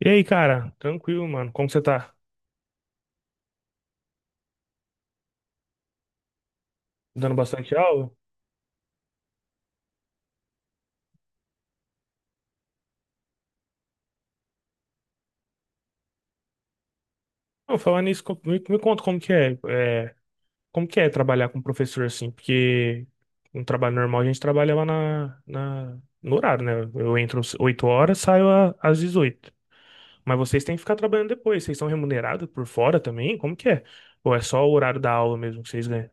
E aí, cara? Tranquilo, mano. Como você tá? Dando bastante aula? Não, falando nisso, me conta como que é trabalhar com professor assim, porque um trabalho normal a gente trabalha lá no horário, né? Eu entro às 8 horas, saio às 18. Mas vocês têm que ficar trabalhando depois. Vocês são remunerados por fora também? Como que é? Ou é só o horário da aula mesmo que vocês ganham?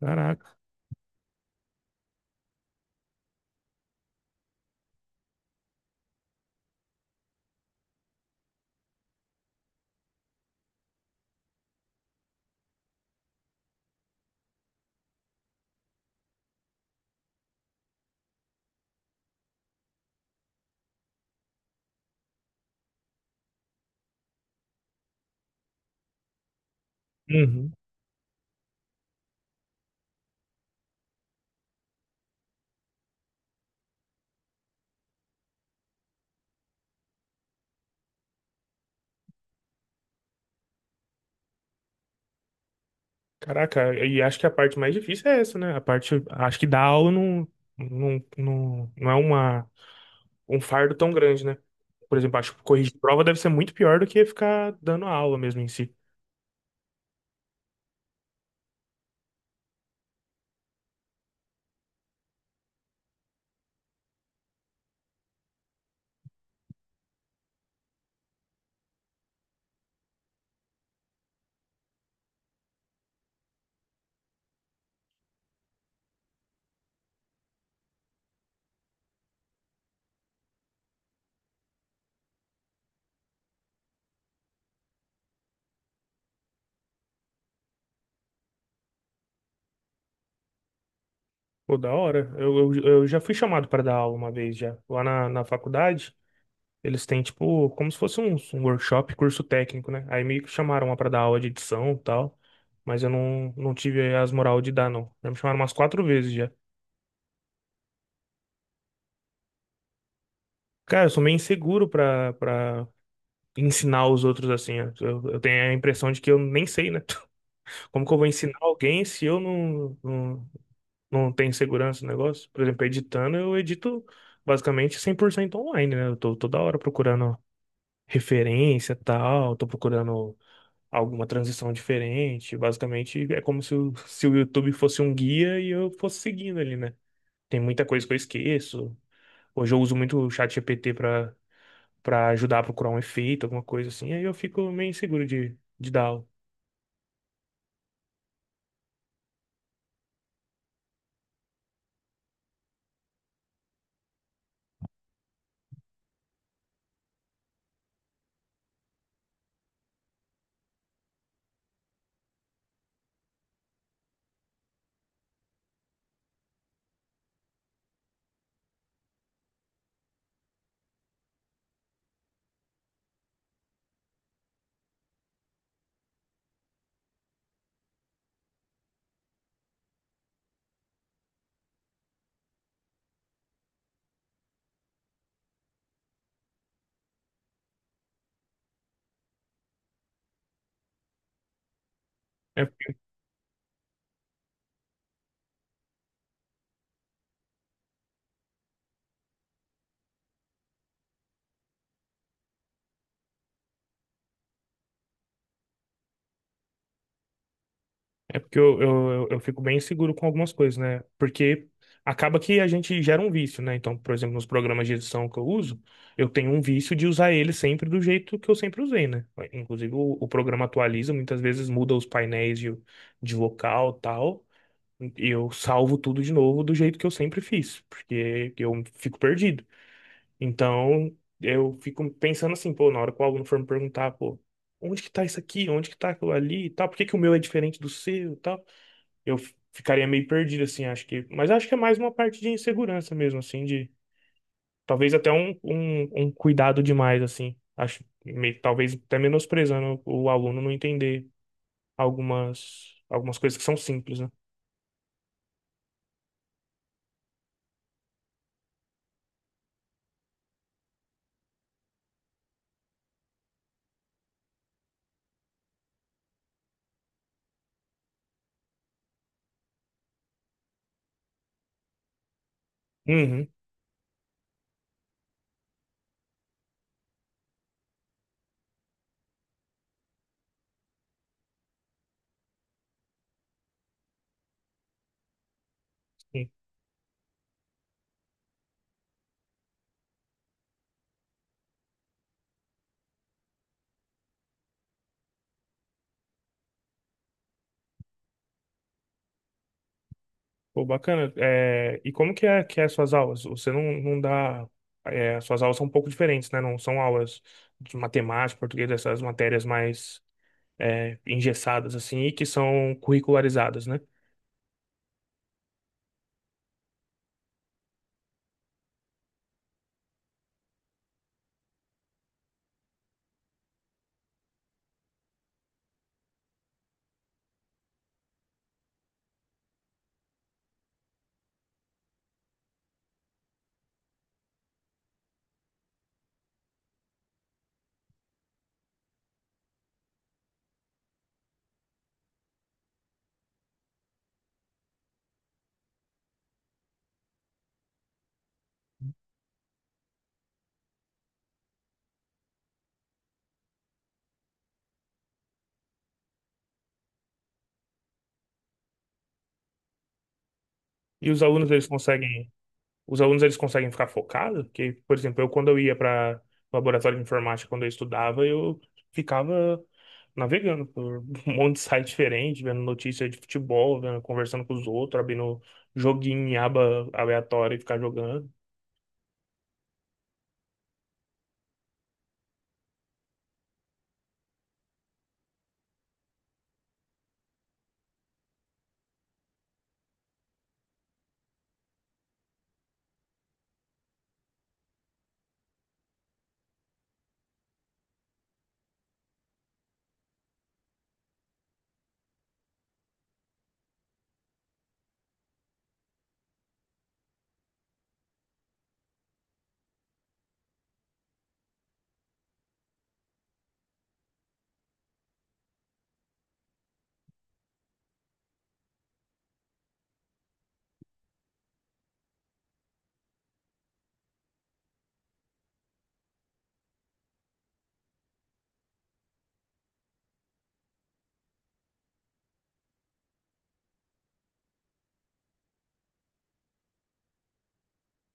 Caraca. Uhum. Caraca, e acho que a parte mais difícil é essa, né? A parte, acho que dar aula não, não é uma um fardo tão grande, né? Por exemplo, acho que corrigir prova deve ser muito pior do que ficar dando a aula mesmo em si. Pô, da hora. Eu já fui chamado para dar aula uma vez já. Lá na faculdade, eles têm, tipo, como se fosse um workshop, curso técnico, né? Aí me chamaram lá para dar aula de edição e tal. Mas eu não tive as moral de dar, não. Já me chamaram umas quatro vezes já. Cara, eu sou meio inseguro para ensinar os outros assim. Ó. Eu tenho a impressão de que eu nem sei, né? Como que eu vou ensinar alguém se eu não tem segurança no negócio. Por exemplo, editando, eu edito basicamente 100% online, né? Eu tô toda hora procurando referência, e tal, tô procurando alguma transição diferente. Basicamente, é como se o YouTube fosse um guia e eu fosse seguindo ali, né? Tem muita coisa que eu esqueço. Hoje eu uso muito o chat GPT para ajudar a procurar um efeito, alguma coisa assim. Aí eu fico meio inseguro de dar aula. É. É porque eu fico bem inseguro com algumas coisas, né? Porque acaba que a gente gera um vício, né? Então, por exemplo, nos programas de edição que eu uso, eu tenho um vício de usar ele sempre do jeito que eu sempre usei, né? Inclusive, o programa atualiza, muitas vezes muda os painéis de vocal e tal, e eu salvo tudo de novo do jeito que eu sempre fiz, porque eu fico perdido. Então, eu fico pensando assim, pô, na hora que o aluno for me perguntar, pô, onde que tá isso aqui? Onde que tá aquilo ali e tal? Por que que o meu é diferente do seu e tal? eu ficaria meio perdido, assim, acho que. Mas acho que é mais uma parte de insegurança mesmo, assim, de talvez até um cuidado demais, assim. Acho meio, talvez até menosprezando o aluno não entender algumas coisas que são simples, né? Uhum, sim. Pô, bacana. É, e como que é as suas aulas? Você não dá. É, as suas aulas são um pouco diferentes, né? Não são aulas de matemática, português, essas matérias mais é, engessadas, assim, e que são curricularizadas, né? E os alunos, eles conseguem. Os alunos eles conseguem ficar focados? Porque, por exemplo, eu quando eu ia para laboratório de informática, quando eu estudava, eu ficava navegando por um monte de site diferente, vendo notícia de futebol, vendo, conversando com os outros, abrindo joguinho em aba aleatória e ficar jogando.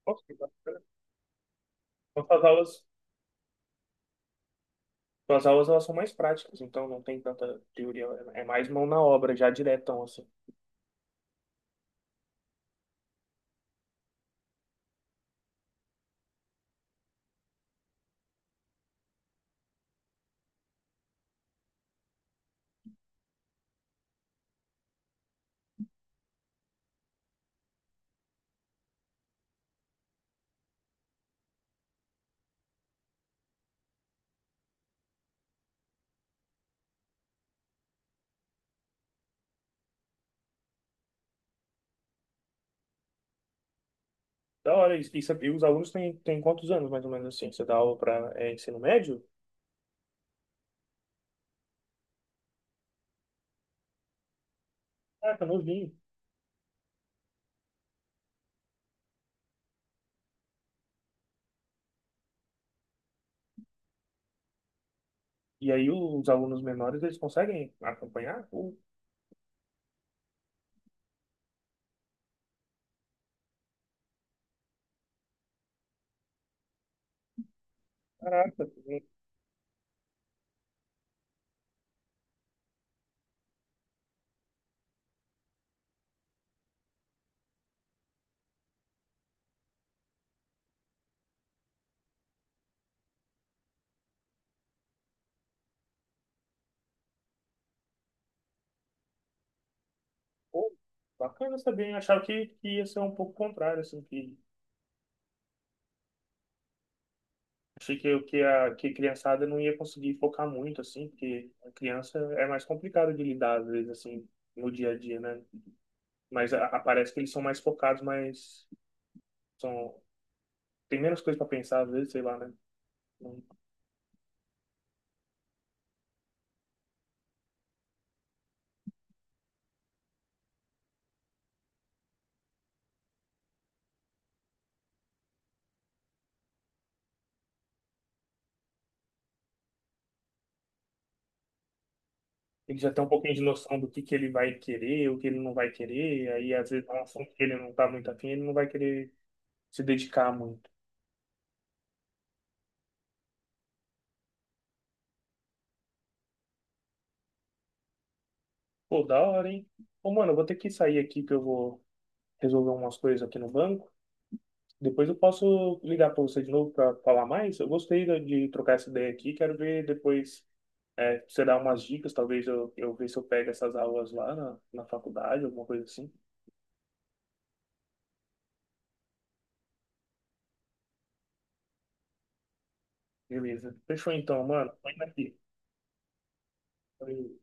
Nossa, que bacana. Então, as aulas elas são mais práticas, então não tem tanta teoria, é mais mão na obra, já diretão, assim. Da hora, e os alunos têm quantos anos, mais ou menos assim? Você dá aula para ensino médio? Ah, tá novinho. E aí os alunos menores, eles conseguem acompanhar? Pô, caraca, pô, bacana saber. Hein? Achava que ia ser um pouco contrário, assim, que achei que a criançada não ia conseguir focar muito, assim, porque a criança é mais complicada de lidar, às vezes, assim, no dia a dia, né? Mas parece que eles são mais focados, mas são, tem menos coisa para pensar, às vezes, sei lá, né? Não. Ele já tem um pouquinho de noção do que ele vai querer, o que ele não vai querer, aí às vezes é um assunto que ele não tá muito afim, ele não vai querer se dedicar muito. Pô, da hora, hein? Ô, mano, eu vou ter que sair aqui que eu vou resolver umas coisas aqui no banco. Depois eu posso ligar pra você de novo pra falar mais. Eu gostei de trocar essa ideia aqui. Quero ver depois, é, você dar umas dicas. Talvez eu ver se eu pego essas aulas lá na faculdade, alguma coisa assim. Beleza. Fechou então, mano. Põe aqui. Valeu.